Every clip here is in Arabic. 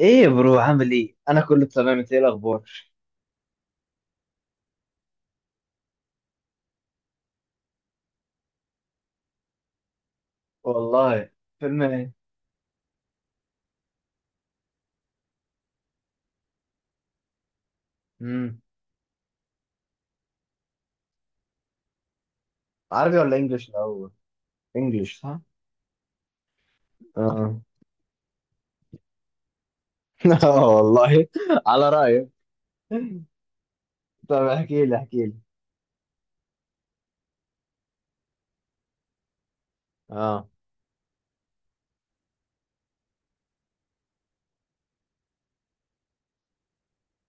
ايه يا برو عامل ايه، انا كله تمام، انت ايه الاخبار؟ والله، فيلم ايه؟ امم عربي ولا انجليش الاول؟ انجليش صح؟ اه. اه والله، على رايك. طب احكي لي احكي لي. اه.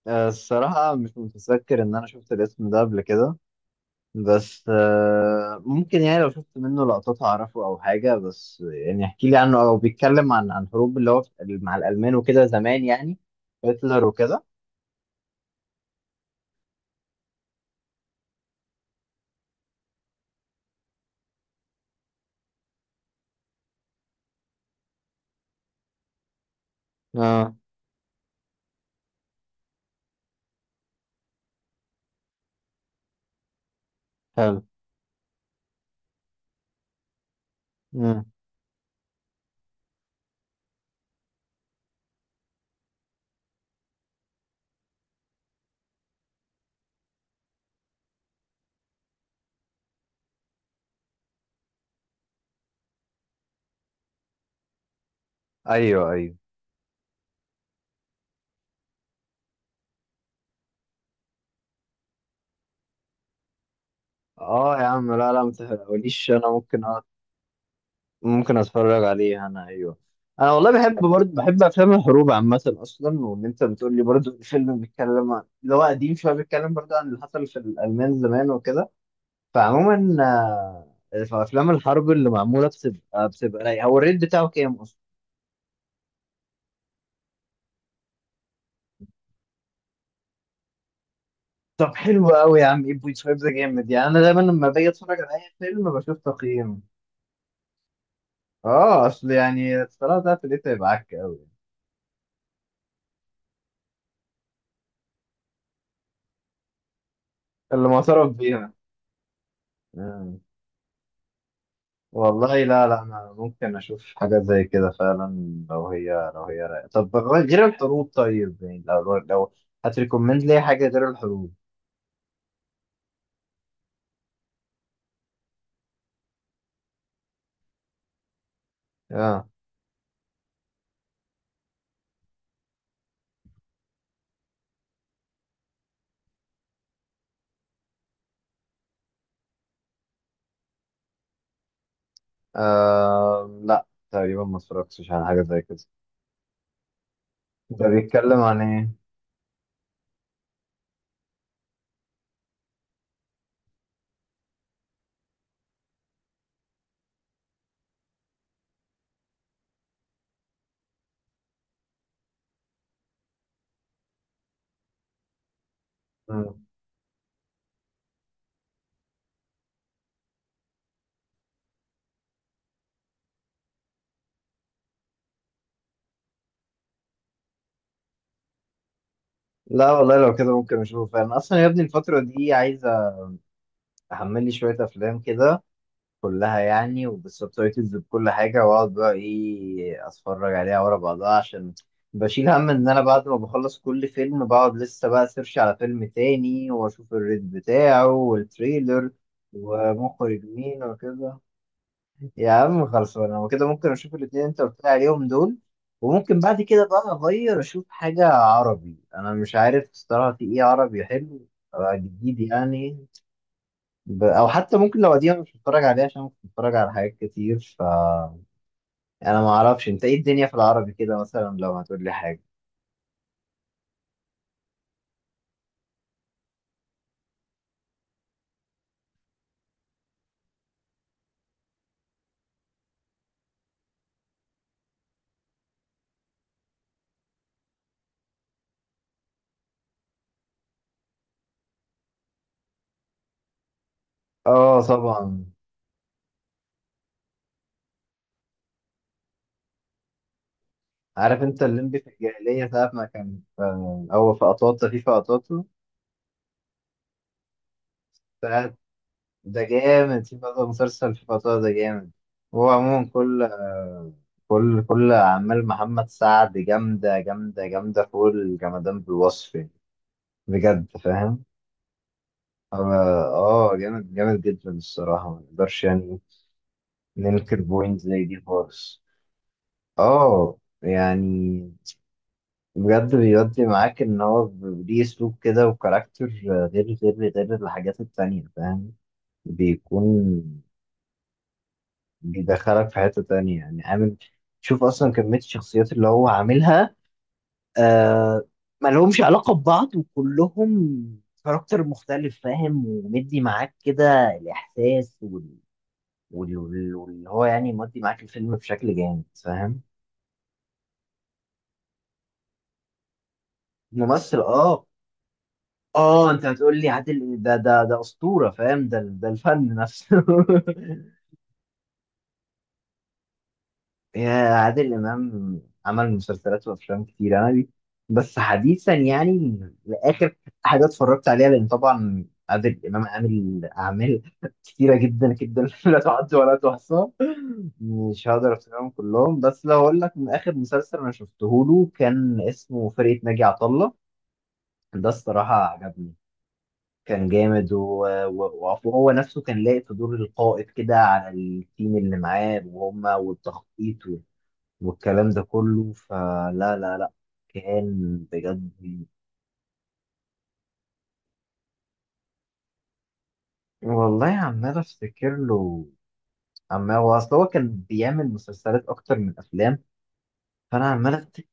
آه، الصراحه مش متذكر ان انا شفت الاسم ده قبل كده، بس ممكن يعني لو شفت منه لقطات اعرفه او حاجه، بس يعني احكي لي عنه، او بيتكلم عن حروب اللي هو مع الالمان وكده زمان يعني. هتلر وكده؟ اه. حلو. مم. ايوه ايوه. اه يا عم، لا لا ما تقوليش، انا ممكن ممكن اتفرج عليه انا، ايوه. انا والله بحب برضه، بحب افلام الحروب عامه اصلا، وان انت بتقول لي برضه الفيلم بيتكلم عن اللي هو قديم شويه، بيتكلم برضه عن اللي حصل في الالمان زمان وكده. فعموما، آه، فافلام الحرب اللي معموله بتبقى رايقه. هو الريت بتاعه كام اصلا؟ طب حلو قوي يا عم، 8.5 ده جامد يعني. انا دايما لما باجي اتفرج على اي فيلم بشوف تقييمه، اه. اصل يعني الصراحه ده في الريت هيبقى عك قوي. اللي معترف بيها. آه. والله لا لا، انا ممكن اشوف حاجات زي كده فعلا لو هي رايقة. طب غير الحروب، طيب يعني، لو هتريكومند لي حاجه غير الحروب؟ اه. آه لا، تقريبا ما اتفرجتش على حاجه زي كده. ده بيتكلم عن ايه؟ مم. لا والله لو كده ممكن اشوفه فعلا. اصلا يا ابني الفتره دي عايز احمل لي شويه افلام كده، كلها يعني وبالسبتايتلز بكل حاجة، وأقعد بقى إيه، أتفرج عليها ورا بعضها، عشان بشيل هم إن أنا بعد ما بخلص كل فيلم بقعد لسه بقى سيرش على فيلم تاني وأشوف الريت بتاعه والتريلر ومخرج مين وكده. يا عم خلاص، أنا وكده ممكن أشوف الاتنين أنت قلت لي عليهم دول، وممكن بعد كده بقى أغير أشوف حاجة عربي. أنا مش عارف الصراحة في إيه عربي حلو؟ آه، جديد يعني. او حتى ممكن لو قديمه، مش بتفرج عليها عشان كنت بتفرج على حاجات كتير. ف يعني انا ما اعرفش انت ايه الدنيا في العربي كده، مثلا لو هتقول لي حاجه. اه طبعا. عارف انت الليمبي في الجاهليه، ساعه ما كان هو في قطاطا، في قطاطا ساعه، ده جامد. في قطاطا مسلسل في قطاطا ده جامد. هو عموما كل اعمال محمد سعد جامده جامده جامده فوق الجمدان بالوصف يعني. بجد فاهم. اه. آه، جامد جامد جدا الصراحه. ما اقدرش يعني ننكر بوينت زي دي خالص. اه يعني، بجد بيودي معاك ان هو ليه اسلوب كده، وكاركتر غير الحاجات التانية فاهم. بيكون بيدخلك في حتة تانية يعني. عامل، شوف اصلا كمية الشخصيات اللي هو عاملها. آه، ما لهمش علاقة ببعض، وكلهم كاركتر مختلف فاهم، ومدي معاك كده الاحساس واللي هو يعني مدي معاك الفيلم بشكل جامد فاهم. ممثل، اه. اه انت هتقول لي عادل، ده ده اسطوره فاهم، ده ده الفن نفسه. يا عادل امام عمل مسلسلات وافلام كتير، انا دي بس حديثا يعني، لاخر حاجه اتفرجت عليها، لان طبعا عادل امام عامل اعمال كتيره جدا جدا. لا تعد ولا تحصى. مش هقدر افتكرهم كلهم، بس لو اقول لك، من اخر مسلسل انا شفته له كان اسمه فرقه ناجي عطا الله. ده الصراحه عجبني. كان جامد وعفو، هو نفسه كان لاقي في دور القائد كده على التيم اللي معاه وهم والتخطيط والكلام ده كله. فلا لا لا، كان بجد. والله عمال افتكر له، عمال. هو اصل هو كان بيعمل مسلسلات اكتر من افلام، فانا عمال افتكر.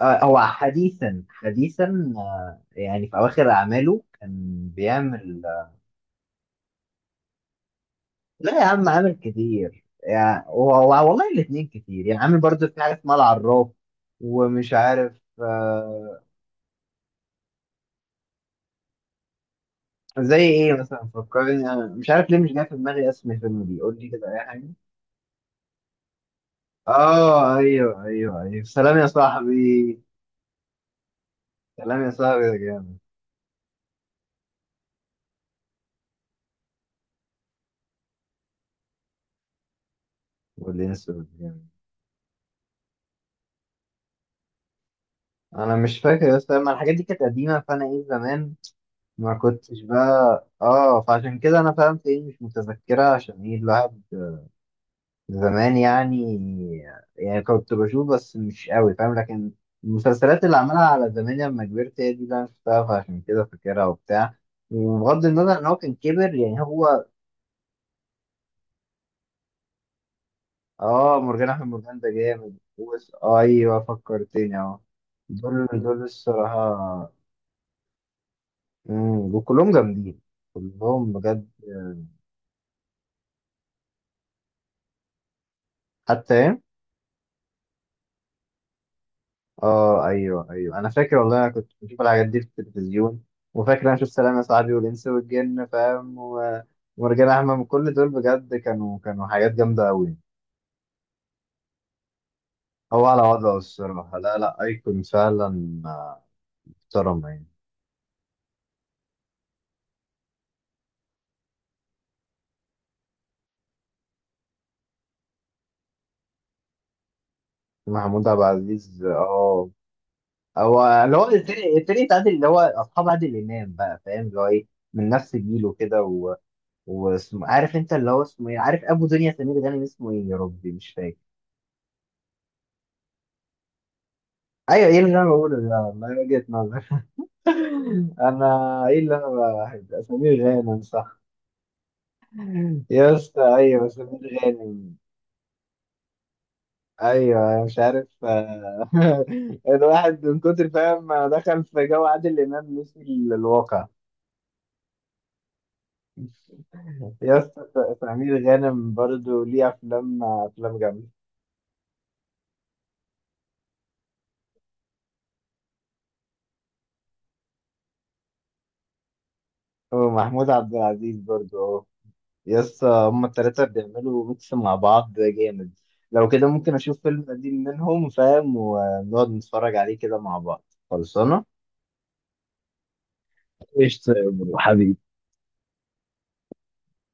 آه، هو حديثا حديثا، آه، يعني في اواخر اعماله كان بيعمل. لا يا عم عامل كتير يعني، والله الاتنين كتير يعني، عامل برضو في حاجة اسمها العراف، ومش عارف. آه، زي ايه مثلا؟ فكرني، انا مش عارف ليه مش جاي في دماغي اسم الفيلم دي. قول لي كده اي حاجة. اه ايوه ايوه ايوه، سلام يا صاحبي. سلام يا صاحبي يا جامد. والانس والجامد. انا مش فاكر، بس انا الحاجات دي كانت قديمة، فانا ايه زمان ما كنتش بقى اه، فعشان كده انا فهمت ايه مش متذكرة عشان ايه. الواحد زمان يعني، يعني كنت بشوف بس مش قوي فاهم، لكن المسلسلات اللي عملها على زمان لما كبرت هي دي اللي انا شفتها فعشان كده فاكرها وبتاع. وبغض النظر ان هو كان كبر يعني هو. اه، مرجان احمد مرجان ده جامد، ايوه فكرتني اهو. دول دول الصراحه، وكلهم جامدين، كلهم بجد. حتى، اه ايوه ايوه، انا فاكر والله، انا كنت بشوف الحاجات دي في التلفزيون. وفاكر انا شفت سلام يا صاحبي والانس والجن فاهم، ومرجان احمد، كل دول بجد كانوا حاجات جامده قوي. هو على وضعه الصراحه، لا لا، ايكون فعلا، آه، محترم يعني. محمود عبد العزيز، اه، هو اللي هو الفريق، الفريق بتاع عادل، اللي هو اصحاب عادل امام بقى فاهم، اللي هو ايه، من نفس جيله كده و... واسمه، عارف انت اللي هو اسمه ايه، عارف، ابو دنيا سمير غانم، اسمه ايه يا ربي مش فاكر. ايوه، ايه اللي انا بقوله ده والله، وجهة نظر. انا، ايه اللي انا بحب سمير غانم صح يا اسطى، ايوه سمير غانم. ايوه، أنا مش عارف آه، الواحد من كتر فاهم ما دخل في جو عادل امام نسي الواقع. يا اسطى، سمير غانم برضو ليه افلام، افلام جامده. ومحمود عبد العزيز برضو. يس، هما التلاتة بيعملوا ميكس مع بعض جامد. لو كده ممكن أشوف فيلم قديم منهم فاهم، ونقعد نتفرج عليه كده مع بعض. خلصانة. قشطة يا برو حبيبي.